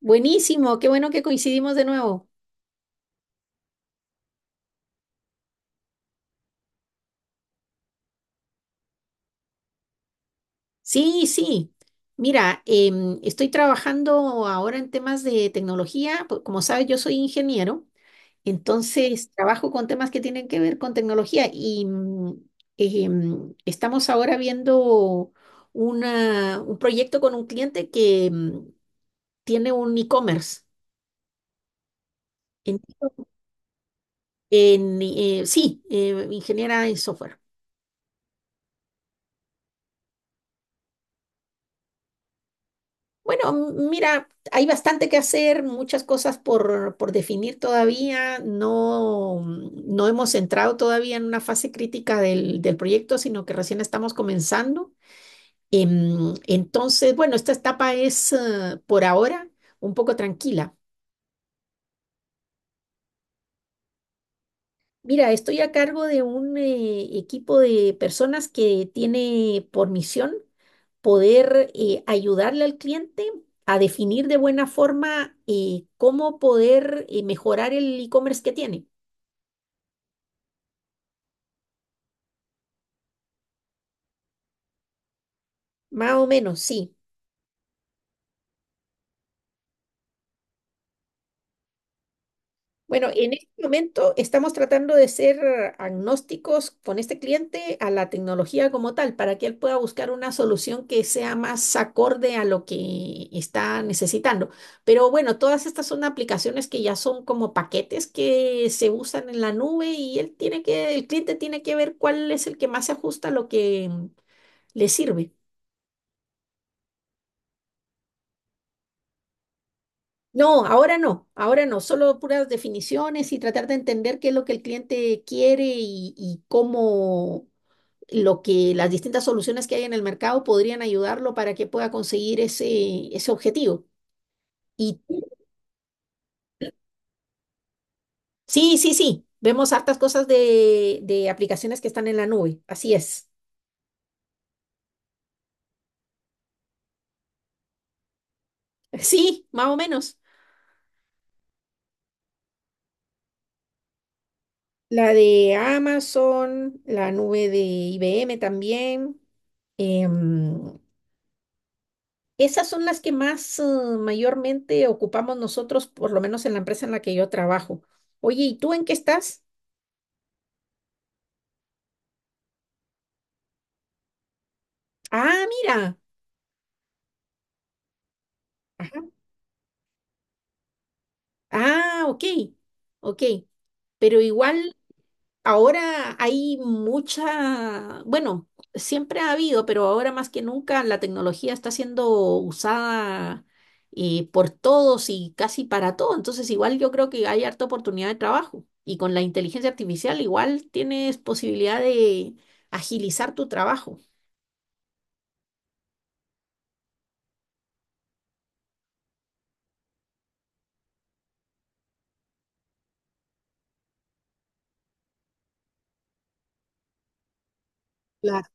Buenísimo, qué bueno que coincidimos de nuevo. Sí, sí. Mira, estoy trabajando ahora en temas de tecnología. Como sabes, yo soy ingeniero, entonces trabajo con temas que tienen que ver con tecnología y estamos ahora viendo un proyecto con un cliente que tiene un e-commerce. En, sí, ingeniera en software. Bueno, mira, hay bastante que hacer, muchas cosas por definir todavía. No hemos entrado todavía en una fase crítica del proyecto, sino que recién estamos comenzando. Entonces, bueno, esta etapa es, por ahora un poco tranquila. Mira, estoy a cargo de un equipo de personas que tiene por misión poder ayudarle al cliente a definir de buena forma cómo poder mejorar el e-commerce que tiene. Más o menos, sí. Bueno, en este momento estamos tratando de ser agnósticos con este cliente a la tecnología como tal, para que él pueda buscar una solución que sea más acorde a lo que está necesitando. Pero bueno, todas estas son aplicaciones que ya son como paquetes que se usan en la nube y él tiene que, el cliente tiene que ver cuál es el que más se ajusta a lo que le sirve. No, ahora no, ahora no, solo puras definiciones y tratar de entender qué es lo que el cliente quiere y cómo lo que las distintas soluciones que hay en el mercado podrían ayudarlo para que pueda conseguir ese objetivo. Y sí, sí, sí, vemos hartas cosas de aplicaciones que están en la nube, así es. Sí, más o menos. La de Amazon, la nube de IBM también. Em, esas son las que más mayormente ocupamos nosotros, por lo menos en la empresa en la que yo trabajo. Oye, ¿y tú en qué estás? Ah, mira. Ah, ok, ok. Pero igual ahora hay mucha, bueno, siempre ha habido, pero ahora más que nunca la tecnología está siendo usada por todos y casi para todo. Entonces igual yo creo que hay harta oportunidad de trabajo. Y con la inteligencia artificial igual tienes posibilidad de agilizar tu trabajo. Claro.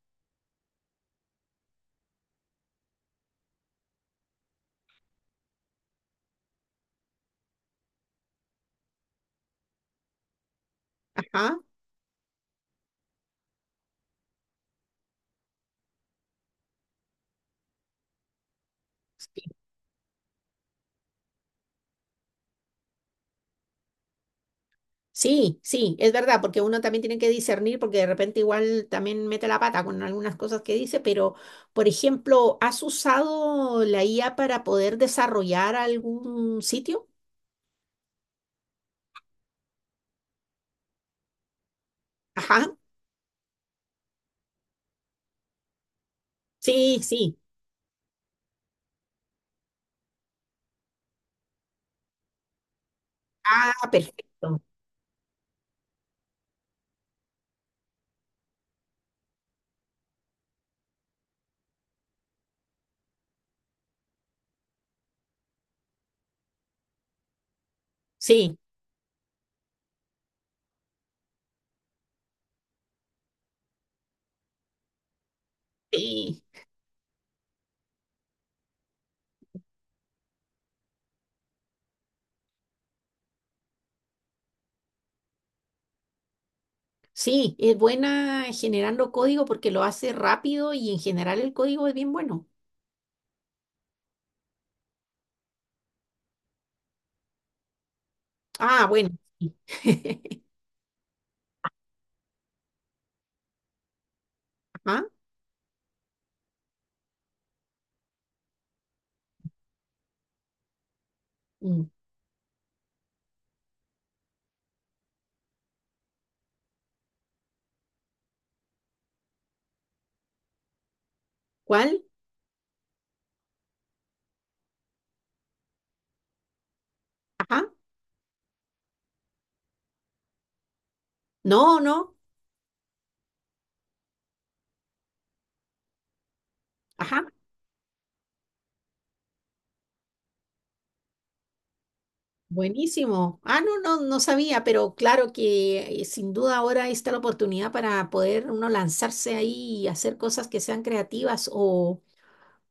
Ajá. Sí. Sí, sí, es verdad, porque uno también tiene que discernir, porque de repente igual también mete la pata con algunas cosas que dice, pero, por ejemplo, ¿has usado la IA para poder desarrollar algún sitio? Ajá, sí, sí. Ah, perfecto. Sí, sí, sí, es buena generando código porque lo hace rápido y en general el código es bien bueno. Ah, bueno. Sí. Ajá. mm, ¿Cuál? Ajá. No, no. Ajá. Buenísimo. Ah, no, no, no sabía, pero claro que sin duda ahora está la oportunidad para poder uno lanzarse ahí y hacer cosas que sean creativas o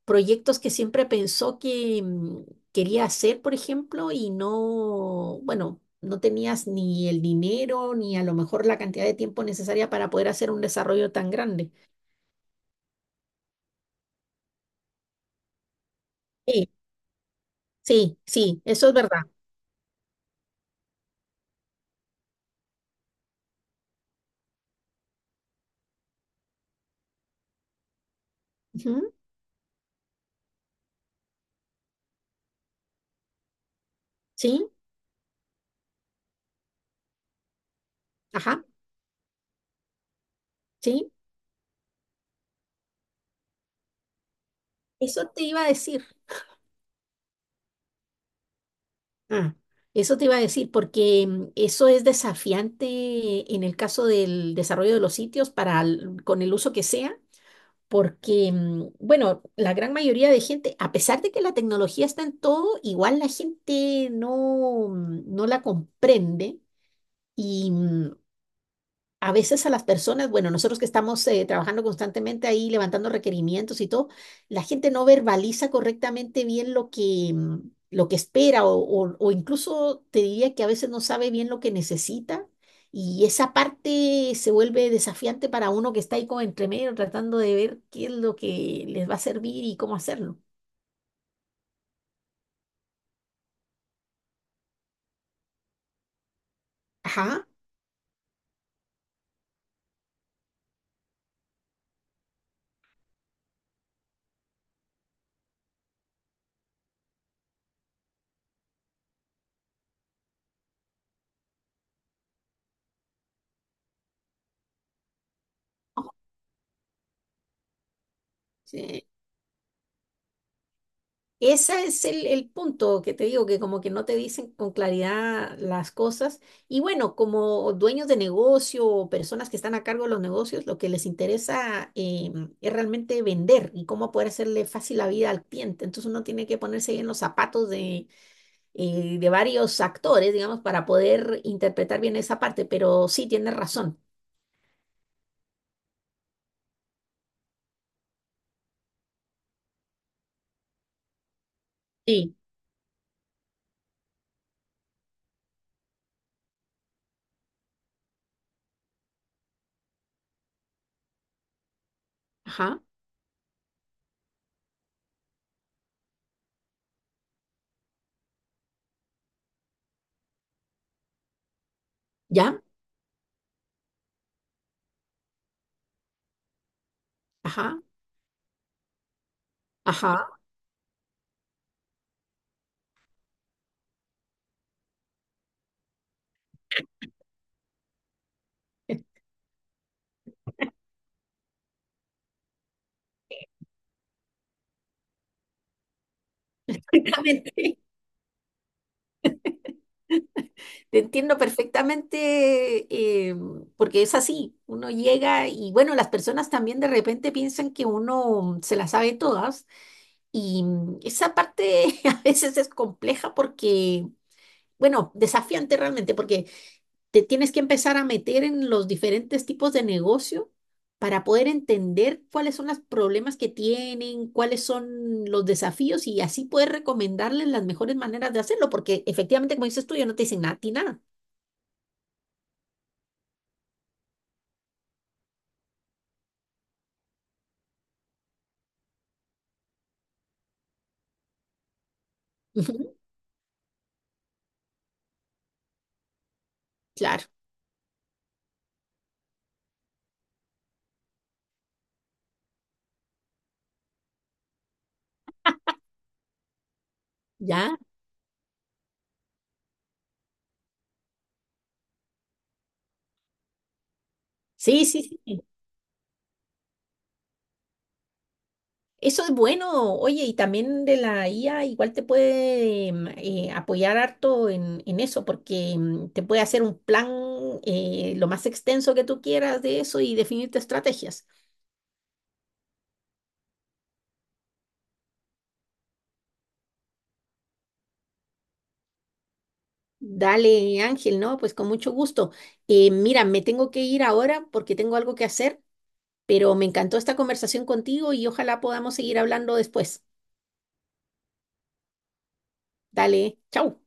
proyectos que siempre pensó que quería hacer, por ejemplo, y no, bueno, no tenías ni el dinero ni a lo mejor la cantidad de tiempo necesaria para poder hacer un desarrollo tan grande. Sí, sí, sí, eso es verdad. Ujú. Sí, ajá, sí. Eso te iba a decir. Ah, eso te iba a decir, porque eso es desafiante en el caso del desarrollo de los sitios para con el uso que sea, porque, mm, bueno, la gran mayoría de gente, a pesar de que la tecnología está en todo, igual la gente no, mm, no la comprende. Y a veces a las personas, bueno, nosotros que estamos trabajando constantemente ahí, levantando requerimientos y todo, la gente no verbaliza correctamente bien lo que lo que espera o incluso te diría que a veces no sabe bien lo que necesita y esa parte se vuelve desafiante para uno que está ahí como entre medio tratando de ver qué es lo que les va a servir y cómo hacerlo. Ajá. Sí. Ese es el punto que te digo, que como que no te dicen con claridad las cosas. Y bueno, como dueños de negocio o personas que están a cargo de los negocios, lo que les interesa es realmente vender y cómo poder hacerle fácil la vida al cliente. Entonces uno tiene que ponerse ahí en los zapatos de varios actores, digamos, para poder interpretar bien esa parte. Pero sí, tienes razón. Sí. Ajá. ¿Ya? Ajá. Ajá. Seguramente. Te entiendo perfectamente, eh, porque es así, uno llega y bueno, las personas también de repente piensan que uno se las sabe todas y esa parte a veces es compleja porque, bueno, desafiante realmente, porque te tienes que empezar a meter en los diferentes tipos de negocio para poder entender cuáles son los problemas que tienen, cuáles son los desafíos y así poder recomendarles las mejores maneras de hacerlo, porque efectivamente, como dices tú, yo no te dicen nada, a ti nada. Claro, ya. Sí, sí, sí. Eso es bueno. Oye, y también de la IA igual te puede apoyar harto en eso, porque te puede hacer un plan lo más extenso que tú quieras de eso y definirte estrategias. Dale, Ángel, ¿no? Pues con mucho gusto. Mira, me tengo que ir ahora porque tengo algo que hacer, pero me encantó esta conversación contigo y ojalá podamos seguir hablando después. Dale, chau.